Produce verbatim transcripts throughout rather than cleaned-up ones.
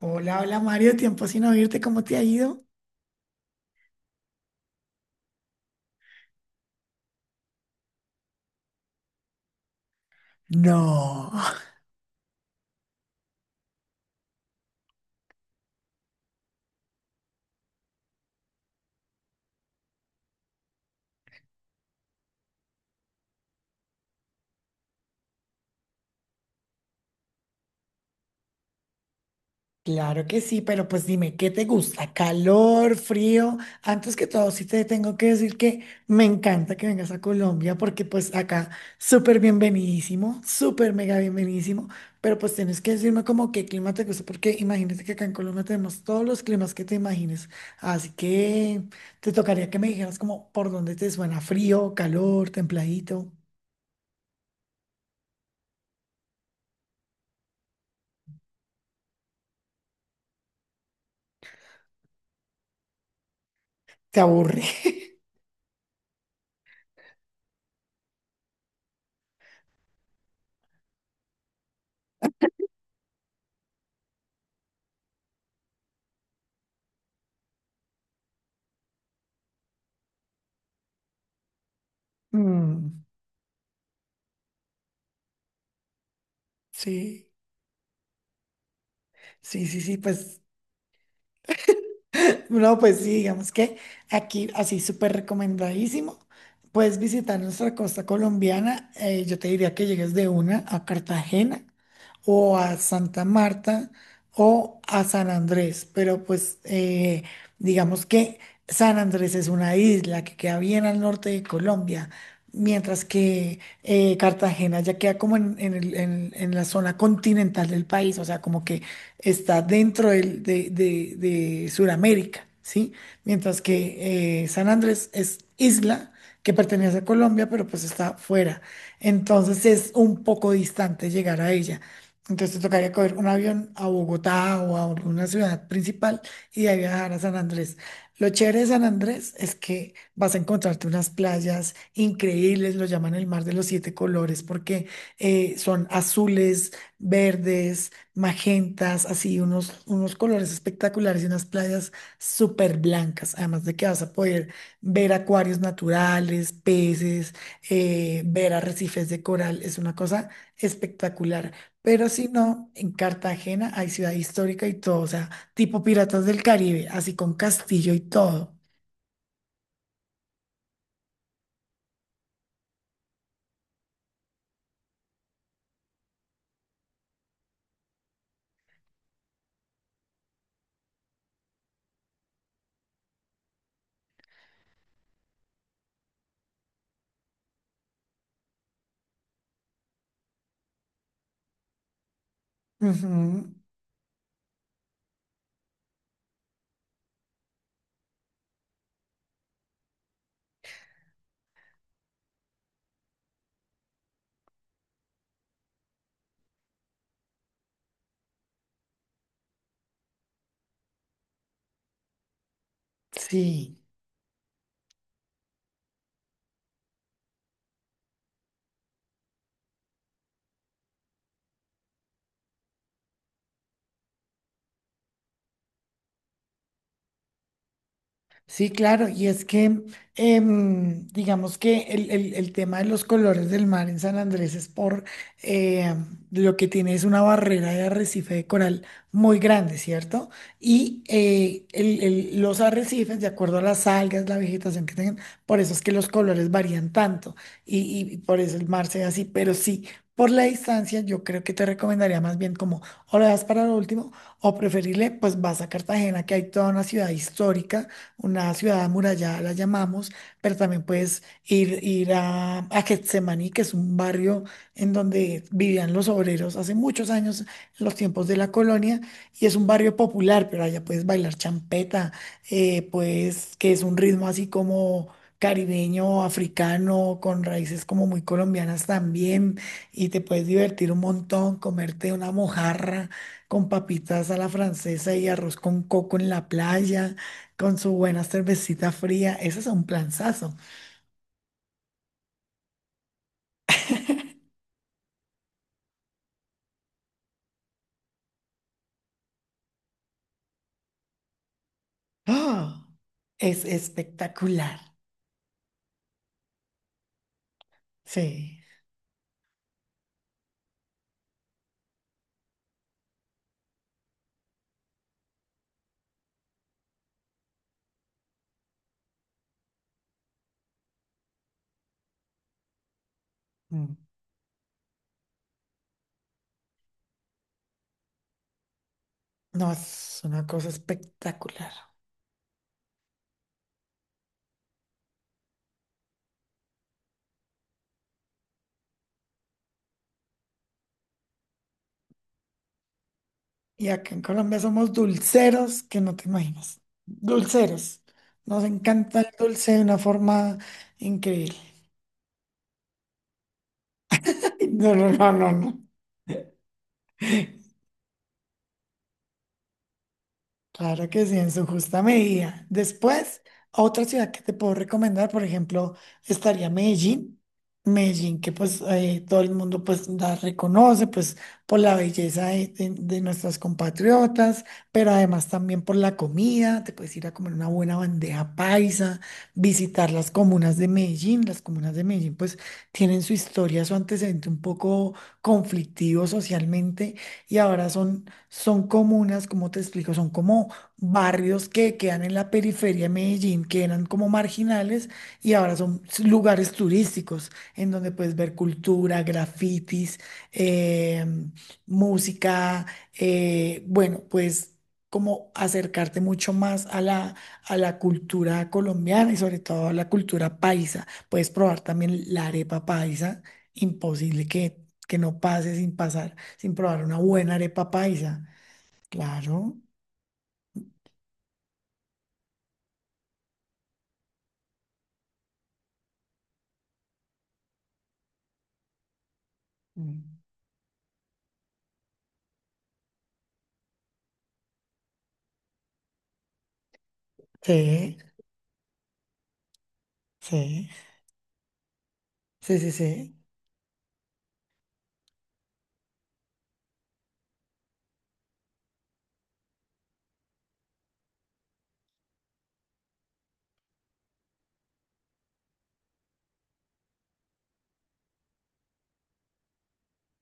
Hola, hola Mario, tiempo sin oírte, ¿cómo te ha ido? No. Claro que sí, pero pues dime, ¿qué te gusta? ¿Calor, frío? Antes que todo, sí te tengo que decir que me encanta que vengas a Colombia porque pues acá súper bienvenidísimo, súper mega bienvenidísimo, pero pues tienes que decirme como qué clima te gusta porque imagínate que acá en Colombia tenemos todos los climas que te imagines, así que te tocaría que me dijeras como por dónde te suena frío, calor, templadito, te aburre. Mm. Sí, sí, sí, sí, pues, no, pues sí, digamos que aquí, así súper recomendadísimo, puedes visitar nuestra costa colombiana, eh, yo te diría que llegues de una a Cartagena o a Santa Marta o a San Andrés, pero pues eh, digamos que San Andrés es una isla que queda bien al norte de Colombia, mientras que eh, Cartagena ya queda como en, en el- en- en la zona continental del país, o sea, como que está dentro del- de, de, de Sudamérica, ¿sí? Mientras que eh, San Andrés es isla que pertenece a Colombia, pero pues está fuera. Entonces es un poco distante llegar a ella. Entonces te tocaría coger un avión a Bogotá o a alguna ciudad principal y de ahí viajar a San Andrés. Lo chévere de San Andrés es que vas a encontrarte unas playas increíbles, lo llaman el mar de los siete colores porque eh, son azules, verdes, magentas, así unos, unos colores espectaculares y unas playas súper blancas, además de que vas a poder ver acuarios naturales, peces, eh, ver arrecifes de coral, es una cosa espectacular. Pero si no, en Cartagena hay ciudad histórica y todo, o sea, tipo Piratas del Caribe, así con castillo y todo. Ujú, sí. Sí, claro, y es que em, digamos que el, el- el tema de los colores del mar en San Andrés es por eh, lo que tiene es una barrera de arrecife de coral muy grande, ¿cierto? Y eh, el- el- los arrecifes, de acuerdo a las algas, la vegetación que tengan, por eso es que los colores varían tanto y, y- y por eso el mar se ve así, pero sí. Por la distancia, yo creo que te recomendaría más bien como o lo das para lo último o preferible, pues vas a Cartagena, que hay toda una ciudad histórica una ciudad amurallada, la llamamos, pero también puedes ir, ir a, a Getsemaní, que es un barrio en donde vivían los obreros hace muchos años, en los tiempos de la colonia, y es un barrio popular, pero allá puedes bailar champeta, eh, pues que es un ritmo así como caribeño, africano, con raíces como muy colombianas también, y te puedes divertir un montón, comerte una mojarra con papitas a la francesa y arroz con coco en la playa con su buena cervecita fría. Eso es un planzazo. ¡Ah! Es espectacular. Sí. Mm. No, es una cosa espectacular. Y acá en Colombia somos dulceros que no te imaginas. Dulceros. Nos encanta el dulce de una forma increíble. No, no, no, no, no. Claro que sí, en su justa medida. Después, otra ciudad que te puedo recomendar, por ejemplo, estaría Medellín. Medellín, que pues eh, todo el mundo pues la reconoce, pues por la belleza de, de- de nuestras compatriotas, pero además también por la comida. Te puedes ir a comer una buena bandeja paisa, visitar las comunas de Medellín. Las comunas de Medellín pues tienen su historia, su antecedente un poco conflictivo socialmente y ahora son son comunas, como te explico, son como barrios que quedan en la periferia de Medellín, que eran como marginales y ahora son s- lugares turísticos en donde puedes ver cultura, grafitis, eh, música, eh, bueno, pues como acercarte mucho más a la, a la cultura colombiana y sobre todo a la cultura paisa. Puedes probar también la arepa paisa, imposible que, que no pase sin pasar sin probar una buena arepa paisa. Claro. Mm. Sí, sí, sí, sí, sí.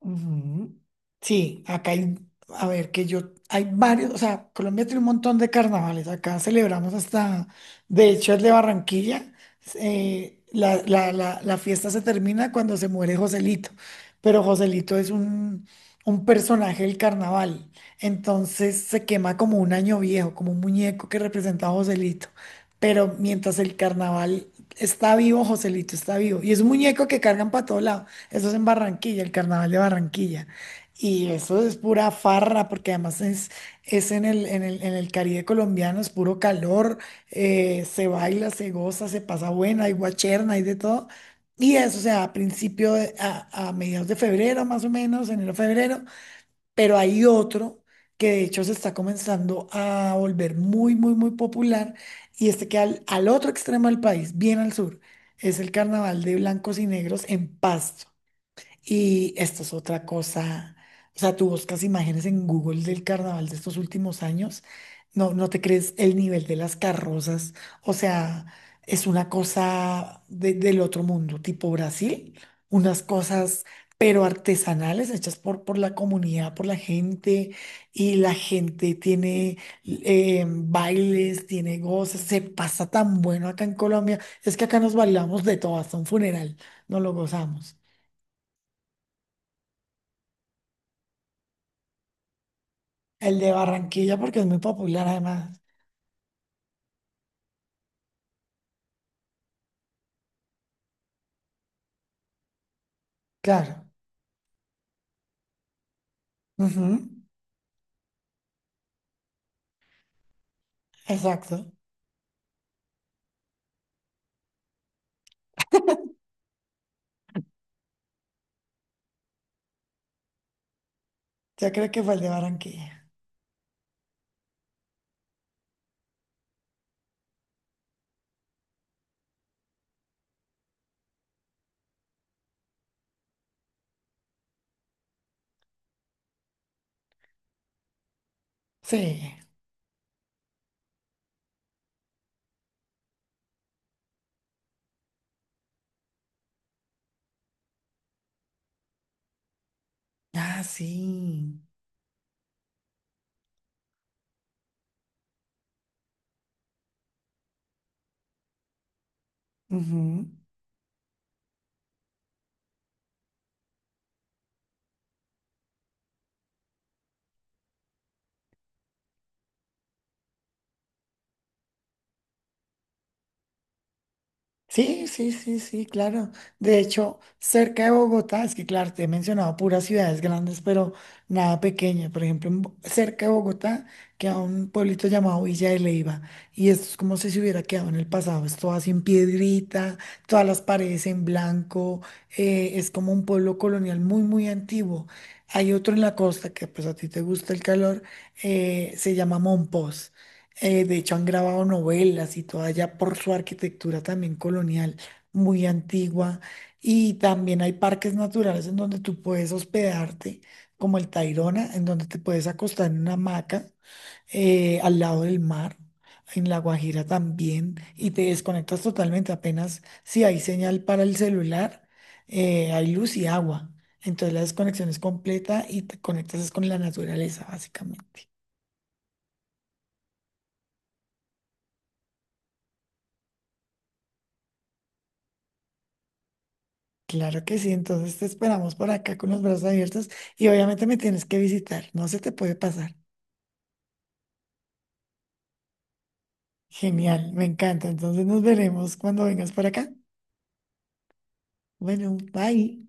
Ujú. Sí, acá hay, a ver, que yo, hay varios, o sea, Colombia tiene un montón de carnavales, acá celebramos hasta, de hecho, el de Barranquilla, eh, la, la- la- la fiesta se termina cuando se muere Joselito, pero Joselito es un, un personaje del carnaval, entonces se quema como un año viejo, como un muñeco que representa a Joselito, pero mientras el carnaval está vivo, Joselito está vivo, y es un muñeco que cargan para todo lado. Eso es en Barranquilla, el carnaval de Barranquilla. Y eso es pura farra, porque además es, es en el, en el, en el Caribe colombiano, es puro calor, eh, se baila, se goza, se pasa buena, hay guacherna, hay de todo. Y eso, o sea, a principio, de- a, a mediados de febrero más o menos, enero, febrero, pero hay otro que de hecho se está comenzando a volver muy, muy, muy popular, y este que al, al otro extremo del país, bien al sur, es el carnaval de blancos y negros en Pasto. Y esta es otra cosa. O sea, tú buscas imágenes en Google del carnaval de estos últimos años. No, no te crees el nivel de las carrozas. O sea, es una cosa de- del otro mundo, tipo Brasil. Unas cosas, pero artesanales, hechas por, por la comunidad, por la gente. Y la gente tiene eh, bailes, tiene goces. Se pasa tan bueno acá en Colombia. Es que acá nos bailamos de todo, hasta un funeral. Nos lo gozamos. El de Barranquilla porque es muy popular además. Claro. Ujú, exacto. Yo creo que fue el de Barranquilla. Sí. Ah, sí. Ujú. Sí, sí, sí, sí, claro. De hecho, cerca de Bogotá, es que claro, te he mencionado puras ciudades grandes, pero nada pequeña. Por ejemplo, en Bo- cerca de Bogotá queda un pueblito llamado Villa de Leyva. Y esto es como si se hubiera quedado en el pasado. Es todo así en piedrita, todas las paredes en blanco. Eh, es como un pueblo colonial muy, muy antiguo. Hay otro en la costa que pues a ti te gusta el calor, eh, se llama Monpós. Eh, de hecho, han grabado novelas y todo allá por su arquitectura también colonial, muy antigua. Y también hay parques naturales en donde tú puedes hospedarte, como el Tayrona, en donde te puedes acostar en una hamaca eh, al lado del mar. En La Guajira también, y te desconectas totalmente. Apenas si hay señal para el celular, eh, hay luz y agua. Entonces la desconexión es completa y te conectas es con la naturaleza, básicamente. Claro que sí, entonces te esperamos por acá con los brazos abiertos y obviamente me tienes que visitar, no se te puede pasar. Genial, me encanta, entonces nos veremos cuando vengas por acá. Bueno, bye.